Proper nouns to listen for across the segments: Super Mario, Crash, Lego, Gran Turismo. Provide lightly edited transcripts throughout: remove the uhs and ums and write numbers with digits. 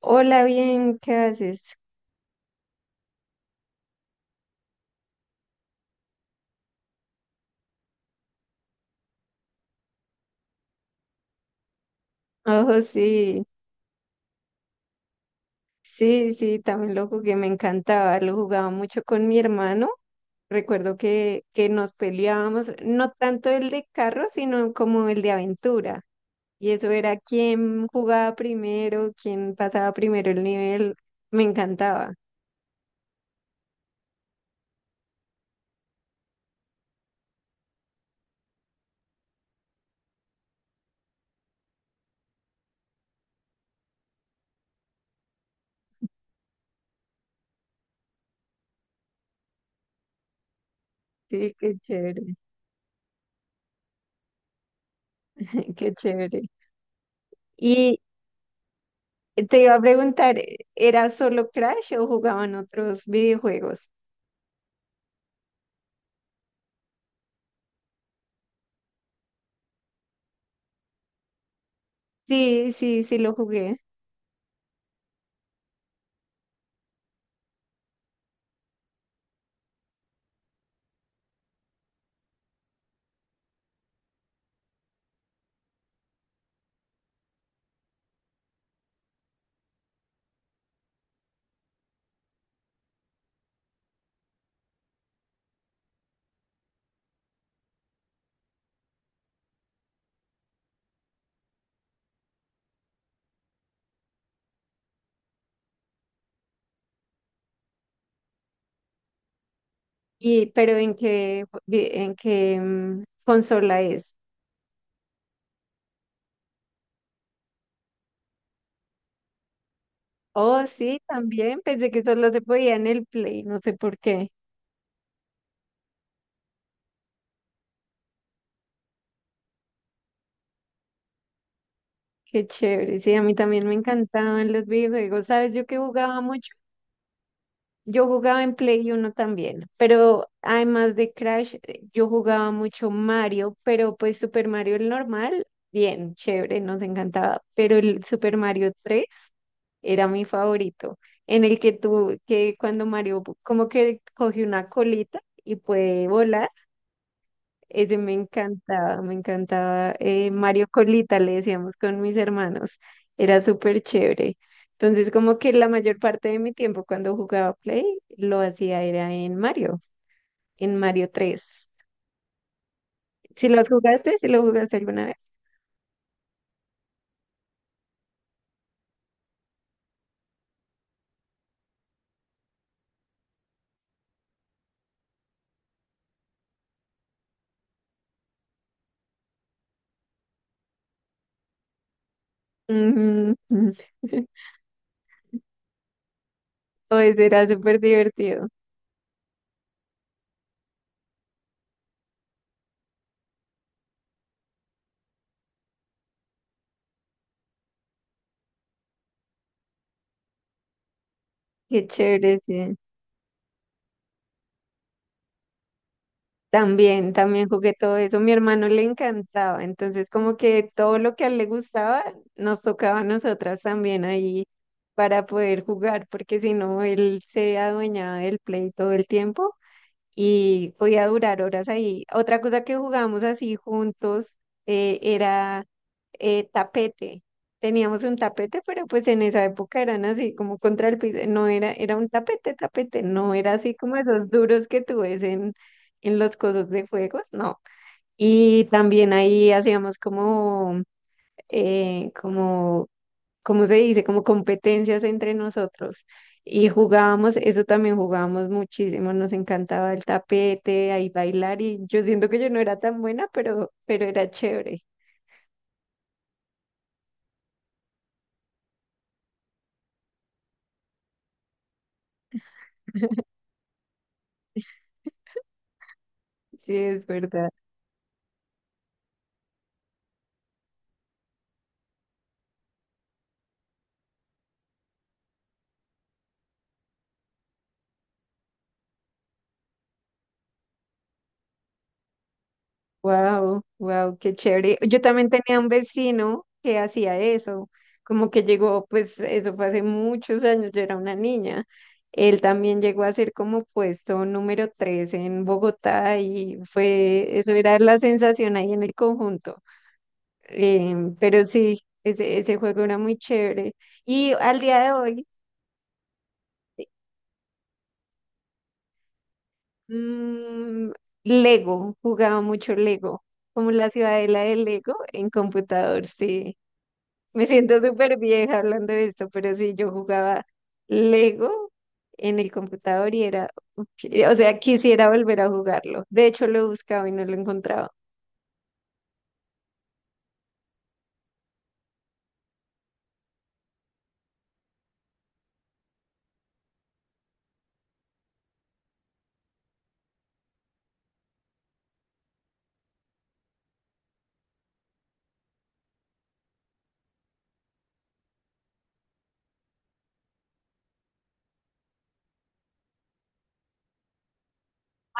Hola, bien, ¿qué haces? Oh, sí, sí, también lo jugué, me encantaba, lo jugaba mucho con mi hermano. Recuerdo que nos peleábamos, no tanto el de carro, sino como el de aventura. Y eso era quién jugaba primero, quién pasaba primero el nivel. Me encantaba. Sí, qué chévere, qué chévere. Y te iba a preguntar, ¿era solo Crash o jugaban otros videojuegos? Sí, sí lo jugué. Y, pero ¿ en qué consola es? Oh, sí, también. Pensé que solo se podía en el Play, no sé por qué. Qué chévere. Sí, a mí también me encantaban los videojuegos. ¿Sabes? Yo que jugaba mucho. Yo jugaba en Play 1 también, pero además de Crash, yo jugaba mucho Mario, pero pues Super Mario el normal, bien, chévere, nos encantaba, pero el Super Mario 3 era mi favorito, en el que tú, que cuando Mario como que coge una colita y puede volar. Ese me encantaba, me encantaba. Mario Colita le decíamos con mis hermanos, era súper chévere. Entonces, como que la mayor parte de mi tiempo cuando jugaba Play lo hacía era en Mario, en Mario 3. ¿Si lo jugaste? ¿Si lo jugaste alguna vez? Ujú. Pues era súper divertido. Qué chévere, sí. También, también jugué todo eso. Mi hermano le encantaba, entonces como que todo lo que a él le gustaba nos tocaba a nosotras también ahí para poder jugar, porque si no, él se adueñaba del play todo el tiempo y podía durar horas ahí. Otra cosa que jugábamos así juntos era tapete. Teníamos un tapete, pero pues en esa época eran así como contra el piso, no era, era un tapete, tapete, no era así como esos duros que tú ves en los cosos de juegos, no. Y también ahí hacíamos como ¿cómo se dice? Como competencias entre nosotros. Y jugábamos, eso también jugábamos muchísimo, nos encantaba el tapete, ahí bailar y yo siento que yo no era tan buena, pero era chévere. Sí, es verdad. Wow, wow, qué chévere. Yo también tenía un vecino que hacía eso, como que llegó, pues eso fue hace muchos años, yo era una niña. Él también llegó a ser como puesto número 3 en Bogotá y fue, eso era la sensación ahí en el conjunto. Pero sí, ese juego era muy chévere. Y al día de hoy, mm, Lego, jugaba mucho Lego, como la ciudadela de Lego en computador, sí. Me siento súper vieja hablando de esto, pero sí, yo jugaba Lego en el computador y era, ok, o sea, quisiera volver a jugarlo. De hecho, lo buscaba y no lo encontraba.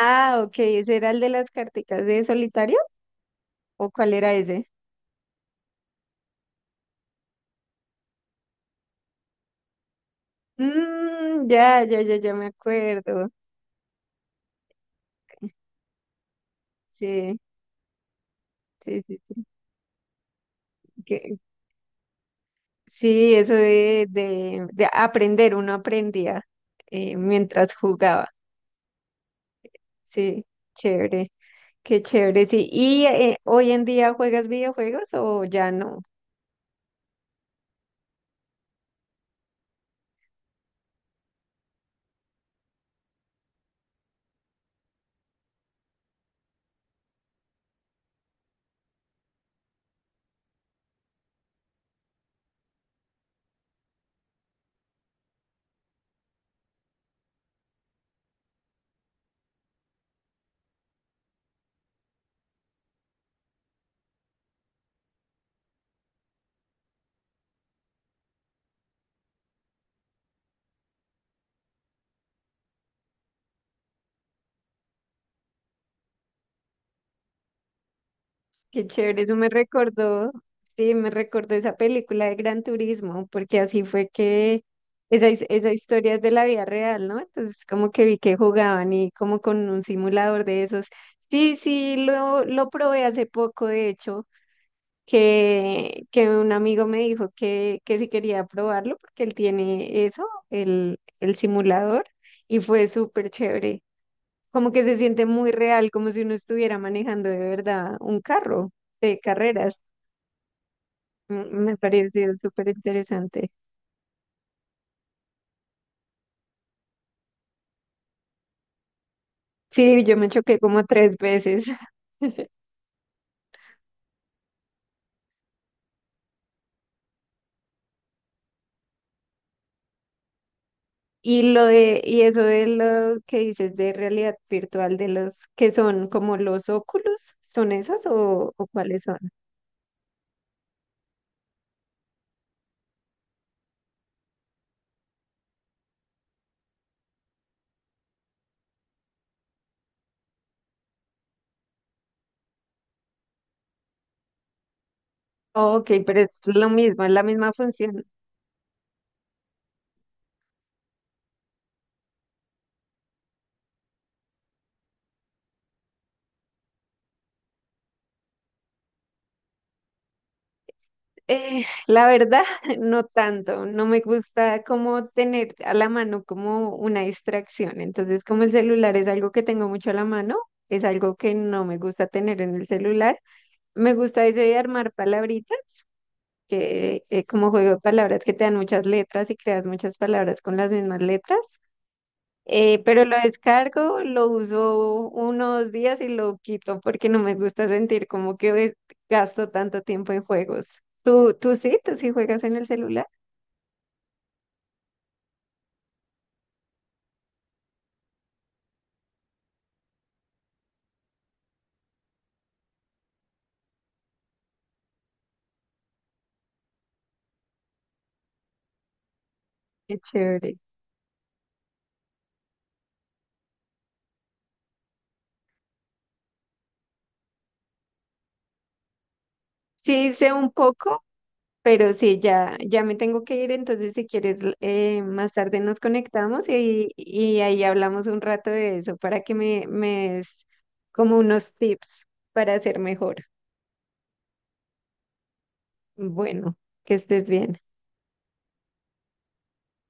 Ah, ok, ¿ese era el de las carticas de solitario? ¿O cuál era ese? Mm, ya me acuerdo. Sí, sí, sí, sí. Que- sí, eso de aprender, uno aprendía mientras jugaba. Sí, chévere, qué chévere. Sí. ¿Y hoy en día juegas videojuegos o ya no? Qué chévere, eso me recordó, sí, me recordó esa película de Gran Turismo, porque así fue que esa, esa historia es de la vida real, ¿no? Entonces como que vi que jugaban y como con un simulador de esos. Sí, sí, lo probé hace poco, de hecho, que un amigo me dijo que si quería probarlo, porque él tiene eso, el simulador, y fue súper chévere como que se siente muy real, como si uno estuviera manejando de verdad un carro de carreras. Mm, me pareció súper interesante. Sí, yo me choqué como tres veces. Y lo de, y eso de lo que dices de realidad virtual, de los que son como los óculos, ¿son esos o cuáles son? Ok, pero es lo mismo, es la misma función. La verdad, no tanto, no me gusta como tener a la mano como una distracción. Entonces, como el celular es algo que tengo mucho a la mano, es algo que no me gusta tener en el celular. Me gusta ese de armar palabritas, que como juego de palabras que te dan muchas letras y creas muchas palabras con las mismas letras. Pero lo descargo, lo uso unos días y lo quito porque no me gusta sentir como que gasto tanto tiempo en juegos. Tú sí? ¿Tú sí juegas en el celular? Qué chévere. Sí, sé un poco, pero sí, ya me tengo que ir, entonces si quieres, más tarde nos conectamos y ahí hablamos un rato de eso para que me des como unos tips para ser mejor. Bueno, que estés bien.